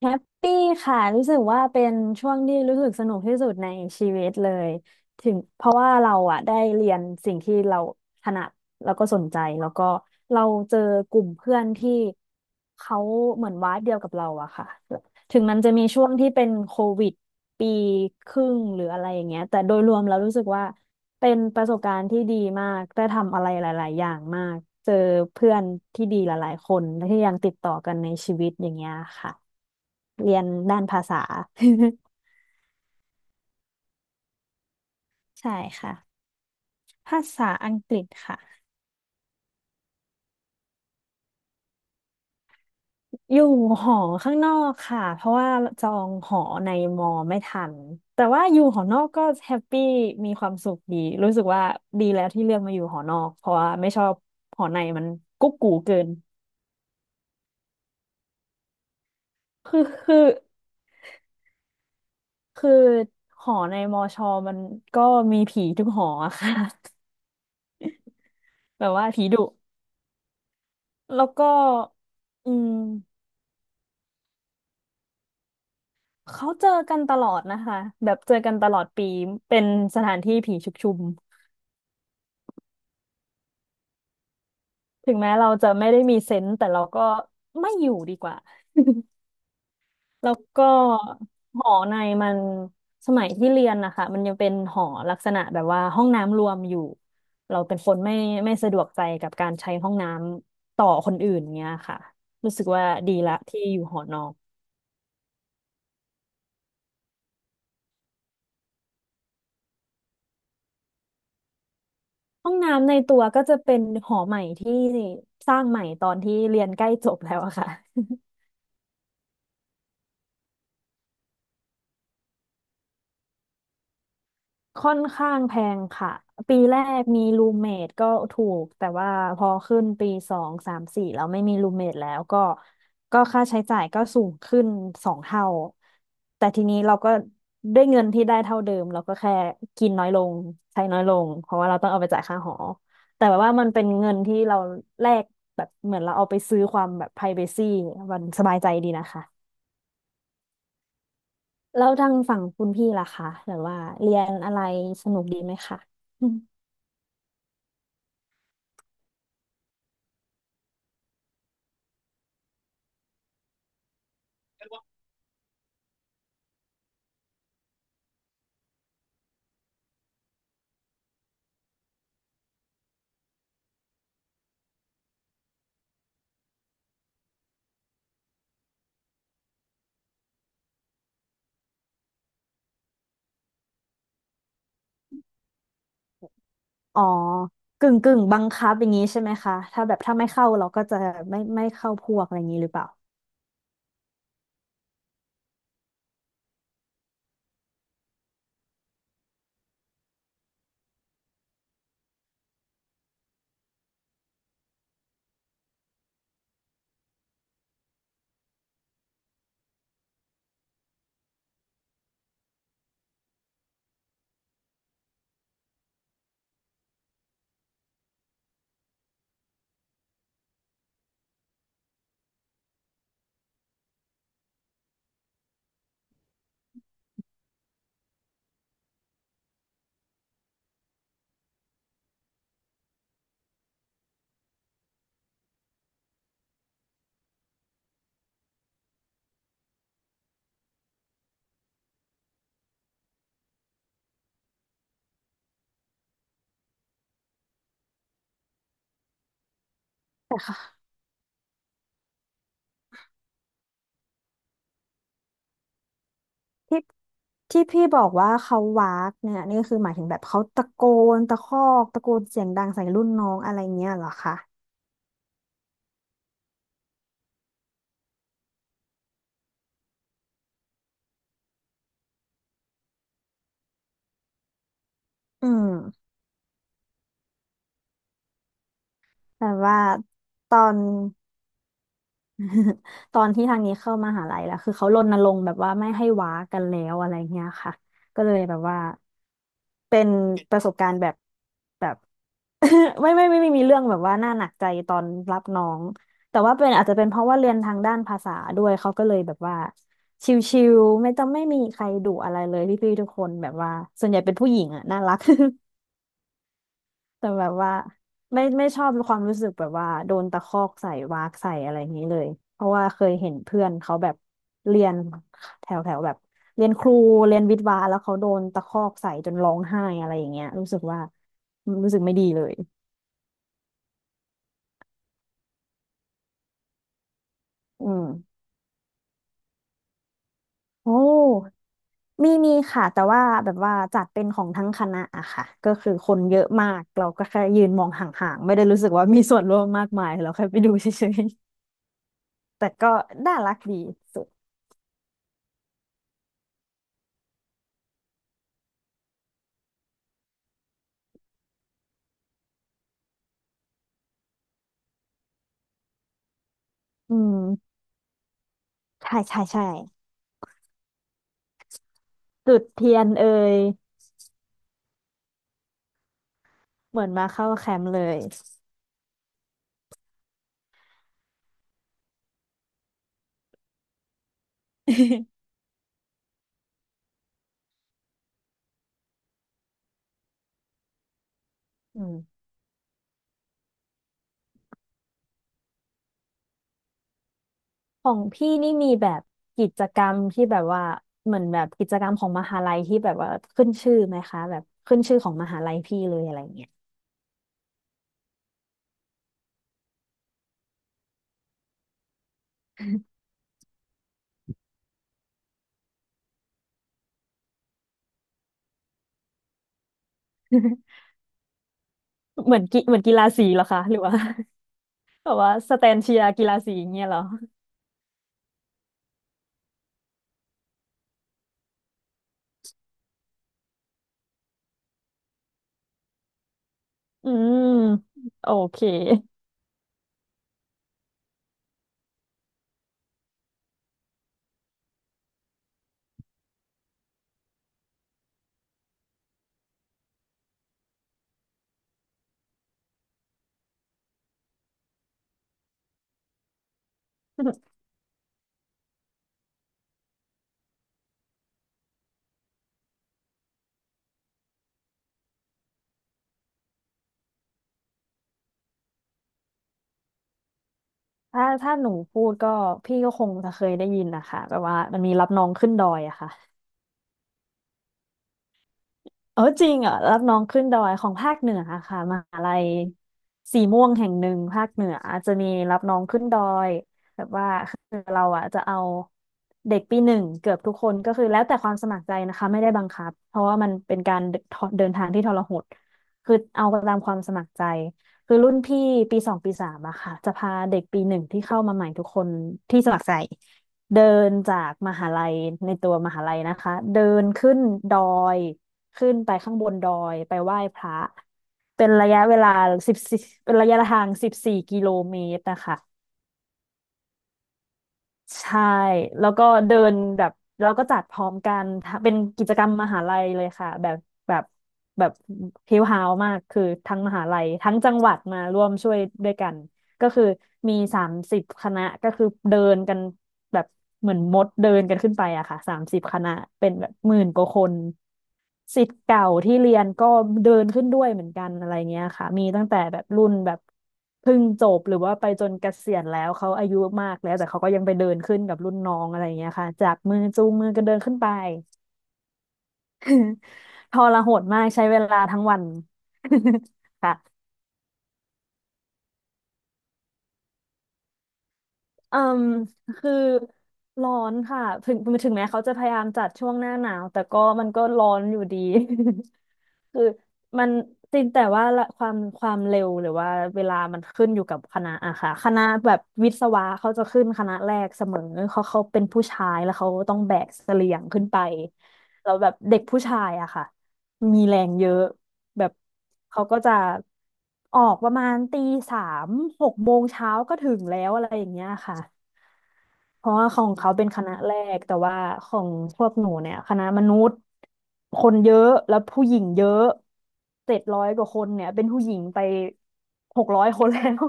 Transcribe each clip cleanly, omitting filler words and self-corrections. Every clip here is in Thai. แฮปปี้ค่ะรู้สึกว่าเป็นช่วงที่รู้สึกสนุกที่สุดในชีวิตเลยถึงเพราะว่าเราอะได้เรียนสิ่งที่เราถนัดแล้วก็สนใจแล้วก็เราเจอกลุ่มเพื่อนที่เขาเหมือนวาดเดียวกับเราอะค่ะถึงมันจะมีช่วงที่เป็นโควิดปีครึ่งหรืออะไรอย่างเงี้ยแต่โดยรวมเรารู้สึกว่าเป็นประสบการณ์ที่ดีมากได้ทำอะไรหลายๆอย่างมากเจอเพื่อนที่ดีหลายๆคนและที่ยังติดต่อกันในชีวิตอย่างเงี้ยค่ะ เรียนด้านภาษา ใช่ค่ะภาษาอังกฤษค่ะอยู่หอข้างนอกค่ะเพราะว่าจองหอในมอไม่ทันแต่ว่าอยู่หอนอกก็แฮปปี้มีความสุขดีรู้สึกว่าดีแล้วที่เลือกมาอยู่หอนอกเพราะว่าไม่ชอบหอในมันกุ๊กกูเกินคือคือคือหอในมอชอมันก็มีผีทุกหออะค่ะ แบบว่าผีดุแล้วก็อืม เขาเจอกันตลอดนะคะแบบเจอกันตลอดปีเป็นสถานที่ผีชุกชุมถึงแม้เราจะไม่ได้มีเซนส์แต่เราก็ไม่อยู่ดีกว่าแล้วก็หอในมันสมัยที่เรียนนะคะมันยังเป็นหอลักษณะแบบว่าห้องน้ำรวมอยู่เราเป็นคนไม่สะดวกใจกับการใช้ห้องน้ำต่อคนอื่นเนี้ยค่ะรู้สึกว่าดีละที่อยู่หอนอกห้องน้ำในตัวก็จะเป็นหอใหม่ที่สร้างใหม่ตอนที่เรียนใกล้จบแล้วอะค่ะ ค่อนข้างแพงค่ะปีแรกมีรูมเมทก็ถูกแต่ว่าพอขึ้นปีสองสามสี่แล้วไม่มีรูมเมทแล้วก็ค่าใช้จ่ายก็สูงขึ้นสองเท่าแต่ทีนี้เราก็ด้วยเงินที่ได้เท่าเดิมเราก็แค่กินน้อยลงใช้น้อยลงเพราะว่าเราต้องเอาไปจ่ายค่าหอแต่แบบว่ามันเป็นเงินที่เราแลกแบบเหมือนเราเอาไปซื้อความแบบไ r i v a c y มันสบายใจดีนะคะแล้วทางฝั่งคุณพี่ล่ะคะแบบว่าเรียนอะไรสนุกดีไหมคะ อ๋อกึ่งกึ่งบังคับอย่างนี้ใช่ไหมคะถ้าแบบถ้าไม่เข้าเราก็จะไม่เข้าพวกอะไรอย่างนี้หรือเปล่าแต่ค่ะที่ที่พี่บอกว่าเขาวากเนี่ยนี่คือหมายถึงแบบเขาตะโกนตะคอกตะโกนเสียงดังใส่รุ่นน้องอะไรเงี้ยเหรอคะอืมแต่ว่าตอน ตอนที่ทางนี้เข้ามหาลัยแล้วคือเขารณรงค์แบบว่าไม่ให้ว้ากันแล้วอะไรเงี้ยค่ะก็เลยแบบว่าเป็นประสบการณ์แบบแบบ ไม่ไม่ไม่ไมมีเรื่องแบบว่าน่าหนักใจตอนรับน้องแต่ว่าเป็นอาจจะเป็นเพราะว่าเรียนทางด้านภาษาด้วยเขาก็เลยแบบว่าชิลๆไม่ต้องไม่มีใครดุอะไรเลยพี่ๆทุกคนแบบว่าส่วนใหญ่เป็นผู้หญิงอ่ะน่ารัก แต่แบบว่าไม่ชอบความรู้สึกแบบว่าโดนตะคอกใส่วากใส่อะไรอย่างนี้เลยเพราะว่าเคยเห็นเพื่อนเขาแบบเรียนแถวแถวแบบเรียนครูเรียนวิทย์วะแล้วเขาโดนตะคอกใส่จนร้องไห้อะไรอย่างเงี้ยรู้สึกว่ารู้สึกไม่ดีเลยอืม โอ้มีค่ะแต่ว่าแบบว่าจัดเป็นของทั้งคณะอะค่ะก็คือคนเยอะมากเราก็แค่ยืนมองห่างๆไม่ได้รู้สึกว่ามีส่วนร่วมมากมายเราแค่ไปดูเฉยๆแต่ก็น่ารักดีสุดอืมใช่ใช่ใช่จุดเทียนเอ่ยเหมือนมาเข้าแคมป์เลย อืมของพี่นี่มีแบบกิจกรรมที่แบบว่าเหมือนแบบกิจกรรมของมหาลัยที่แบบว่าขึ้นชื่อไหมคะแบบขึ้นชื่อของมหาลัยพี่เลยอะไรเงี้ย เหมือนกีฬาสีเหรอคะหรือว่า แบบว่าสแตนเชียร์กีฬาสีอย่างเงี้ยเหรอ อืมโอเคถ้าหนูพูดก็พี่ก็คงจะเคยได้ยินนะคะแบบว่ามันมีรับน้องขึ้นดอยอะค่ะ เออจริงเหรอะรับน้องขึ้นดอยของภาคเหนืออะค่ะมหาลัยสีม่วงแห่งหนึ่งภาคเหนือจะมีรับน้องขึ้นดอยแบบว่าคือเราอ่ะจะเอาเด็กปีหนึ่งเกือบทุกคนก็คือแล้วแต่ความสมัครใจนะคะไม่ได้บังคับเพราะว่ามันเป็นการเดินเดินทางที่ทรหดคือเอาตามความสมัครใจคือรุ่นพี่ปีสองปีสามอะค่ะจะพาเด็กปีหนึ่งที่เข้ามาใหม่ทุกคนที่สมัครใจเดินจากมหาลัยในตัวมหาลัยนะคะเดินขึ้นดอย ขึ้นไปข้างบนดอยไปไหว้พระเป็นระยะเวลาสิบสี่เป็นระยะทาง14 กิโลเมตรนะคะใช่แล้วก็เดินแบบเราก็จัดพร้อมกันเป็นกิจกรรมมหาลัยเลยค่ะแบบแบบเฮลฮาวมากคือทั้งมหาลัยทั้งจังหวัดมาร่วมช่วยด้วยกัน ก็คือมี30 คณะก็คือเดินกันแบบเหมือนมดเดินกันขึ้นไปอะค่ะสามสิบคณะเป็นแบบ10,000 กว่าคนศิษย์เก่าที่เรียนก็เดินขึ้นด้วยเหมือนกันอะไรเงี้ยค่ะมีตั้งแต่แบบรุ่นแบบเพิ่งจบหรือว่าไปจนเกษียณแล้วเขาอายุมากแล้วแต่เขาก็ยังไปเดินขึ้นกับรุ่นน้องอะไรเงี้ยค่ะจากมือจูงมือกันเดินขึ้นไป ทรหดมากใช้เวลาทั้งวัน ค่ะ เอ่มคือร้อนค่ะถึงแม้เขาจะพยายามจัดช่วงหน้าหนาวแต่ก็มันก็ร้อนอยู่ดี คือมันจริงแต่ว่าละความเร็วหรือว่าเวลามันขึ้นอยู่กับคณะอะค่ะคณะแบบวิศวะเขาจะขึ้นคณะแรกเสมอเขาเป็นผู้ชายแล้วเขาต้องแบกเสลี่ยงขึ้นไปแล้วแบบเด็กผู้ชายอะค่ะมีแรงเยอะแบบเขาก็จะออกประมาณตี 36 โมงเช้าก็ถึงแล้วอะไรอย่างเงี้ยค่ะ เพราะว่าของเขาเป็นคณะแรกแต่ว่าของพวกหนูเนี่ยคณะมนุษย์คนเยอะแล้วผู้หญิงเยอะ700 กว่าคนเนี่ยเป็นผู้หญิงไป600 คนแล้ว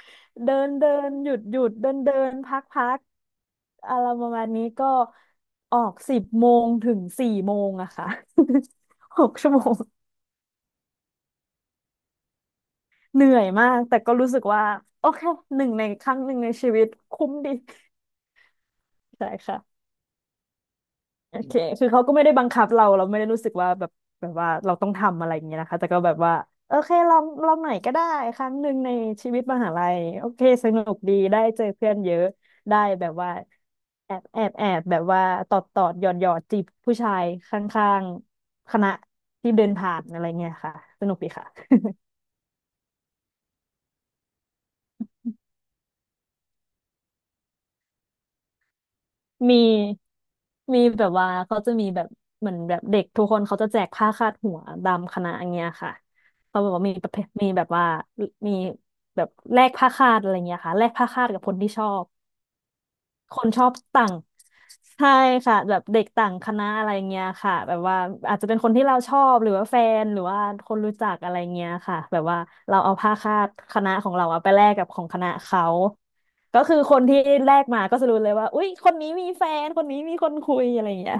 เดินเดินหยุดหยุดเดินเดินพักพักอะไรประมาณนี้ก็ออก10 โมงถึง4 โมงอะค่ะ 6 ชั่วโมงเหนื่อยมากแต่ก็รู้สึกว่าโอเคหนึ่งในครั้งหนึ่งในชีวิตคุ้มดี ใช่ค่ะ โอเคคือเขาก็ไม่ได้บังคับเราเราไม่ได้รู้สึกว่าแบบแบบว่าเราต้องทำอะไรอย่างเงี้ยนะคะแต่ก็แบบว่าโอเคลองหน่อยก็ได้ครั้งหนึ่งในชีวิตมหาลัยโอเคสนุกดีได้เจอเพื่อนเยอะได้แบบว่าแอบแบบว่าตอดตอดหยอดหยอดจีบผู้ชายข้างๆคณะที่เดินผ่านอะไรเงี้ยค่ะสนุกดีค่ะ มีมีแบบว่าเขาจะมีแบบเหมือนแบบเด็กทุกคนเขาจะแจกผ้าคาดหัวตามคณะอย่างเงี้ยค่ะเขาบอกว่ามีประเภทมีแบบว่ามีแบบแลกผ้าคาดอะไรเงี้ยค่ะแลกผ้าคาดกับคนที่ชอบ คนชอบต่างใช่ค่ะแบบเด็กต่างคณะอะไรเงี้ยค่ะแบบว่าอาจจะเป็นคนที่เราชอบหรือว่าแฟนหรือว่าคนรู้จักอะไรเงี้ยค่ะแบบว่าเราเอาผ้าคาดคณะของเราอะไปแลกกับของคณะเขาก็คือคนที่แลกมาก็จะรู้เลยว่าอุ๊ยคนนี้มีแฟนคนนี้มีคนคุยอะไรเงี้ย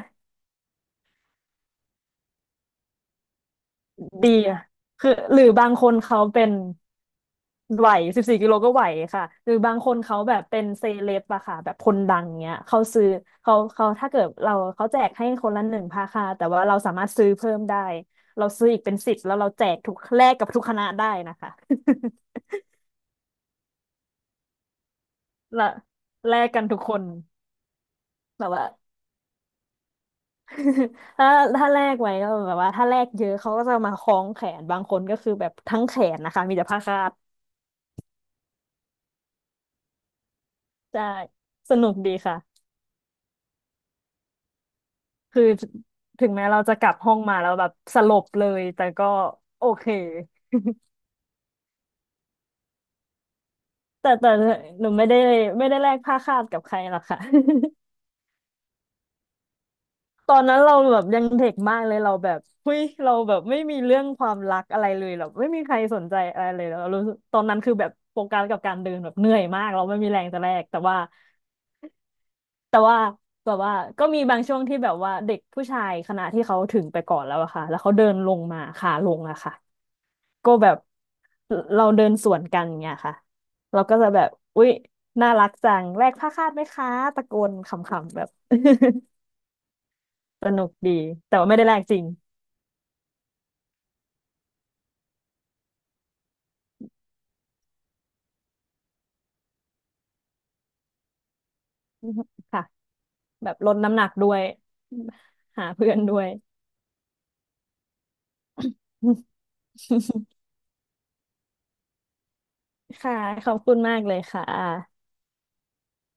ดีอะคือหรือบางคนเขาเป็น ไหว14 กิโลก็ไหวค่ะหรือบางคนเขาแบบเป็นเซเลบอะค่ะแบบคนดังเนี้ยเขาซื้อเขาถ้าเกิดเราเขาแจกให้คนละหนึ่งผ้าค่ะแต่ว่าเราสามารถซื้อเพิ่มได้เราซื้ออีกเป็นสิบแล้วเราแจกทุกแลกกับทุกคณะได้นะคะ ละแลกกันทุกคนแบบว่า ถ้าถ้าแลกไว้ก็แบบว่าถ้าแลกเยอะเขาก็จะมาคล้องแขนบางคนก็คือแบบทั้งแขนนะคะมีแต่ผ้าคาดใช่สนุกดีค่ะ คือถึงแม้เราจะกลับห้องมาแล้วแบบสลบเลยแต่ก็โอเคแต่หนูไม่ได้แลกผ้าคาดกับใครหรอกค่ะ ตอนนั้นเราแบบยังเด็กมากเลยเราแบบเฮ้ยเราแบบไม่มีเรื่องความรักอะไรเลยแบบไม่มีใครสนใจอะไรเลยเรารู้สึกตอนนั้นคือแบบโฟกัสกับการเดินแบบเหนื่อยมากเราไม่มีแรงจะแลกแต่ว่าแต่ว่าแบบว่าก็มีบางช่วงที่แบบว่าเด็กผู้ชายคณะที่เขาถึงไปก่อนแล้วอะค่ะแล้วเขาเดินลงมาขาลงอะค่ะ ก็แบบเราเดินสวนกันอย่างเงี้ยค่ะเราก็จะแบบอุ๊ยน่ารักจังแลกผ้าคาดไหมคะตะโกนขำๆแบบ สนุกดีแต่ว่าไม่ได้แลกจริง ค่ะแบบลดน้ำหนักด้วยหาเพื่อนด้วย ค่ะขอบคุณมากเลยค่ะ